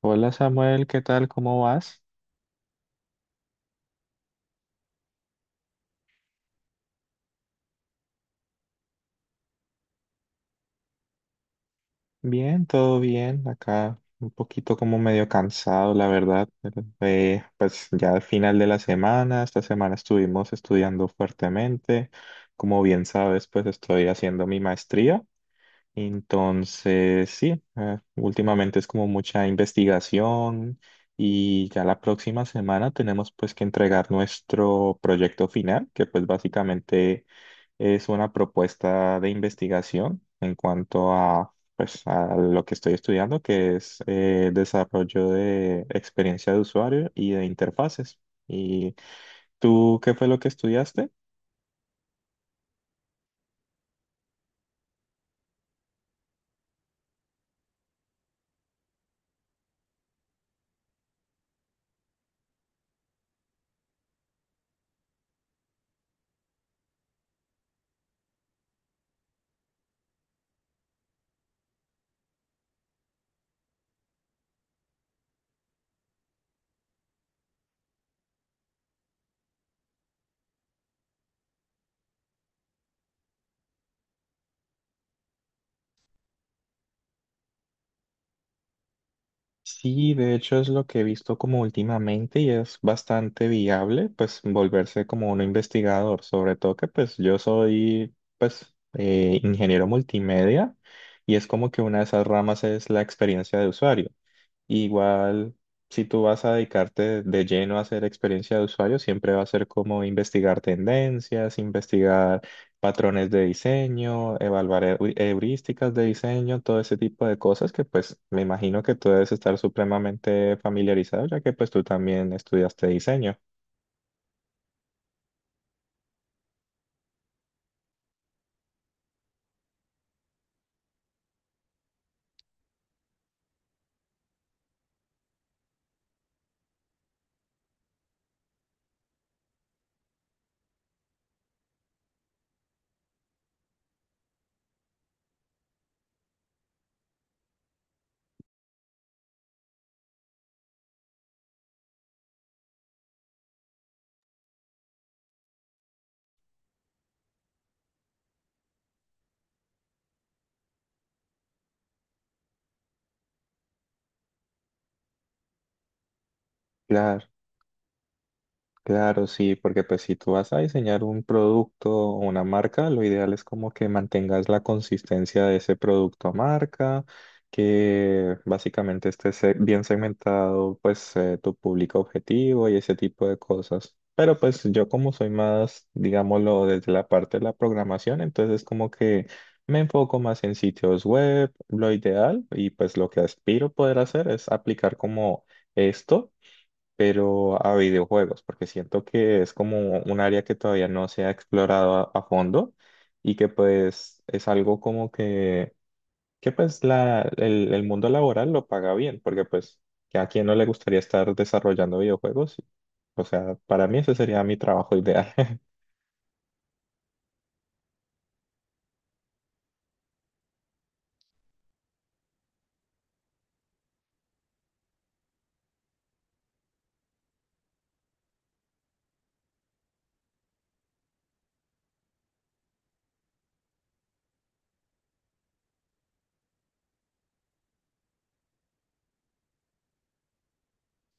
Hola Samuel, ¿qué tal? ¿Cómo vas? Bien, todo bien. Acá un poquito como medio cansado, la verdad, pero, pues ya al final de la semana, esta semana estuvimos estudiando fuertemente. Como bien sabes, pues estoy haciendo mi maestría. Entonces, sí, últimamente es como mucha investigación y ya la próxima semana tenemos pues que entregar nuestro proyecto final, que pues básicamente es una propuesta de investigación en cuanto a, pues, a lo que estoy estudiando, que es, desarrollo de experiencia de usuario y de interfaces. ¿Y tú qué fue lo que estudiaste? Sí, de hecho es lo que he visto como últimamente y es bastante viable, pues volverse como un investigador, sobre todo que pues yo soy, pues, ingeniero multimedia, y es como que una de esas ramas es la experiencia de usuario. Igual, si tú vas a dedicarte de lleno a hacer experiencia de usuario, siempre va a ser como investigar tendencias, investigar patrones de diseño, evaluar heurísticas de diseño, todo ese tipo de cosas que pues me imagino que tú debes estar supremamente familiarizado, ya que pues tú también estudiaste diseño. Claro. Claro, sí, porque pues si tú vas a diseñar un producto o una marca, lo ideal es como que mantengas la consistencia de ese producto o marca, que básicamente esté bien segmentado, pues, tu público objetivo y ese tipo de cosas. Pero pues yo como soy más, digámoslo, desde la parte de la programación, entonces como que me enfoco más en sitios web, lo ideal, y pues lo que aspiro poder hacer es aplicar como esto, pero a videojuegos, porque siento que es como un área que todavía no se ha explorado a fondo, y que pues es algo como que pues el mundo laboral lo paga bien, porque pues que a quién no le gustaría estar desarrollando videojuegos. O sea, para mí ese sería mi trabajo ideal.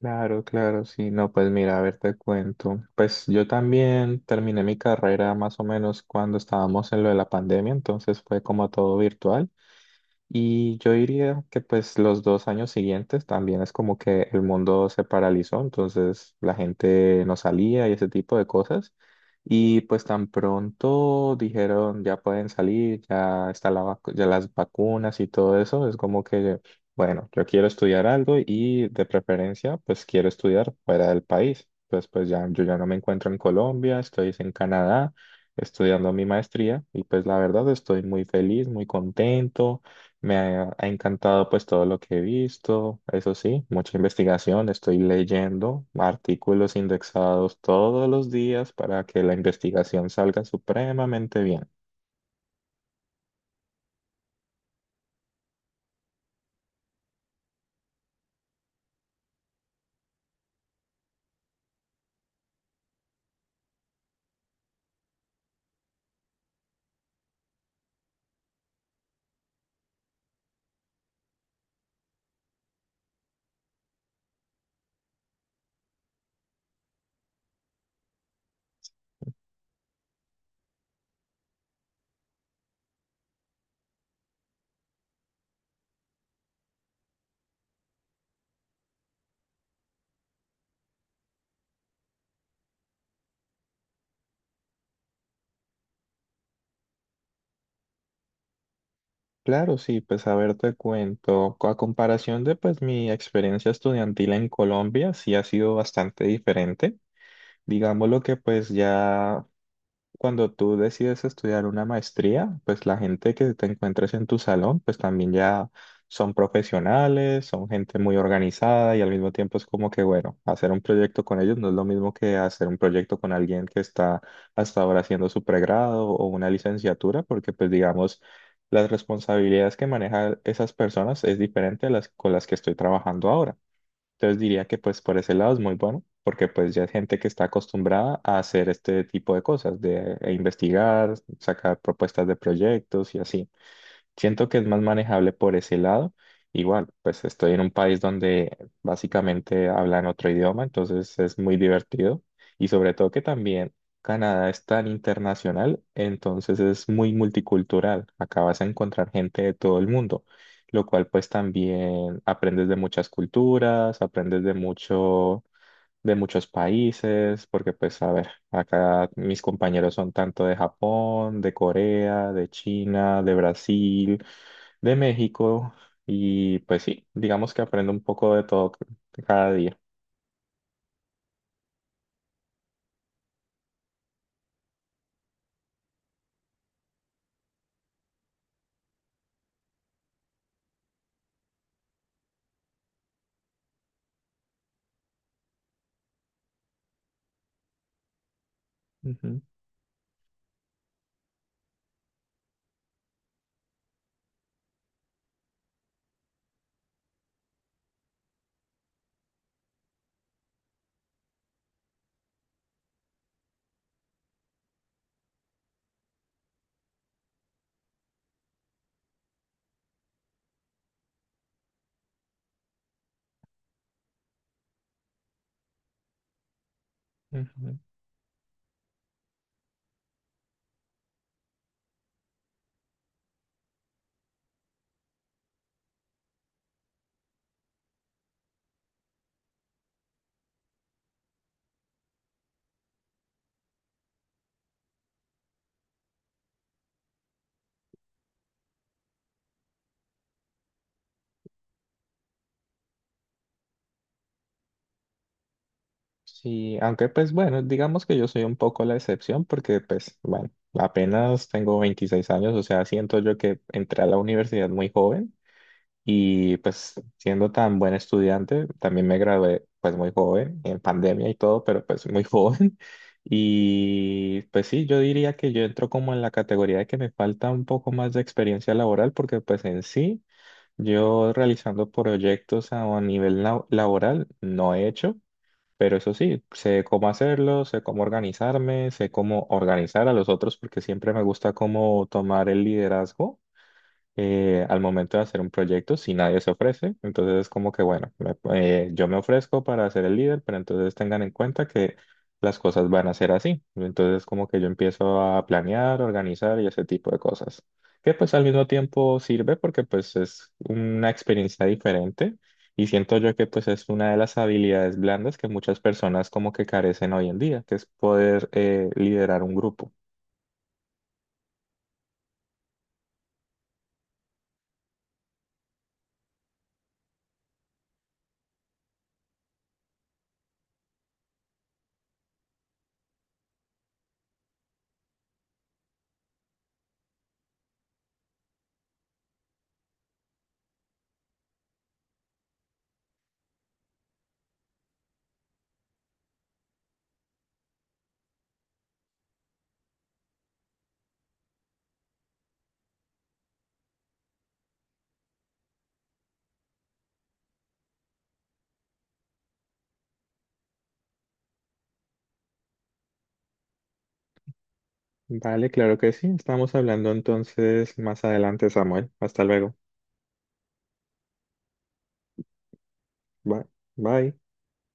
Claro, claro, sí, no, pues mira, a ver, te cuento. Pues yo también terminé mi carrera más o menos cuando estábamos en lo de la pandemia, entonces fue como todo virtual. Y yo diría que pues los dos años siguientes también es como que el mundo se paralizó, entonces la gente no salía y ese tipo de cosas. Y pues tan pronto dijeron ya pueden salir, ya está ya las vacunas y todo eso, es como que, bueno, yo quiero estudiar algo y de preferencia pues quiero estudiar fuera del país. Pues ya yo ya no me encuentro en Colombia, estoy en Canadá estudiando mi maestría, y pues la verdad estoy muy feliz, muy contento. Me ha, ha encantado pues todo lo que he visto. Eso sí, mucha investigación, estoy leyendo artículos indexados todos los días para que la investigación salga supremamente bien. Claro, sí, pues a ver, te cuento, a comparación de pues mi experiencia estudiantil en Colombia, sí ha sido bastante diferente. Digámoslo que pues ya cuando tú decides estudiar una maestría, pues la gente que te encuentres en tu salón, pues también ya son profesionales, son gente muy organizada, y al mismo tiempo es como que, bueno, hacer un proyecto con ellos no es lo mismo que hacer un proyecto con alguien que está hasta ahora haciendo su pregrado o una licenciatura, porque pues digamos, las responsabilidades que manejan esas personas es diferente a las con las que estoy trabajando ahora. Entonces diría que pues por ese lado es muy bueno, porque pues ya es gente que está acostumbrada a hacer este tipo de cosas, de e investigar, sacar propuestas de proyectos y así. Siento que es más manejable por ese lado. Igual, pues estoy en un país donde básicamente hablan otro idioma, entonces es muy divertido. Y sobre todo que también Canadá es tan internacional, entonces es muy multicultural. Acá vas a encontrar gente de todo el mundo, lo cual pues también aprendes de muchas culturas, aprendes de mucho, de muchos países, porque pues a ver, acá mis compañeros son tanto de Japón, de Corea, de China, de Brasil, de México, y pues sí, digamos que aprendo un poco de todo cada día. Ujú, ujú. Sí, aunque pues bueno, digamos que yo soy un poco la excepción porque pues bueno, apenas tengo 26 años. O sea, siento yo que entré a la universidad muy joven. Y pues siendo tan buen estudiante, también me gradué pues muy joven, en pandemia y todo, pero pues muy joven. Y pues sí, yo diría que yo entro como en la categoría de que me falta un poco más de experiencia laboral, porque pues en sí yo realizando proyectos a nivel laboral no he hecho, pero eso sí, sé cómo hacerlo, sé cómo organizarme, sé cómo organizar a los otros, porque siempre me gusta cómo tomar el liderazgo, al momento de hacer un proyecto si nadie se ofrece. Entonces es como que, bueno, yo me ofrezco para ser el líder, pero entonces tengan en cuenta que las cosas van a ser así. Entonces como que yo empiezo a planear, organizar y ese tipo de cosas. Que pues al mismo tiempo sirve porque pues es una experiencia diferente, y siento yo que pues es una de las habilidades blandas que muchas personas como que carecen hoy en día, que es poder, liderar un grupo. Vale, claro que sí. Estamos hablando entonces más adelante, Samuel. Hasta luego. Bye. Bye.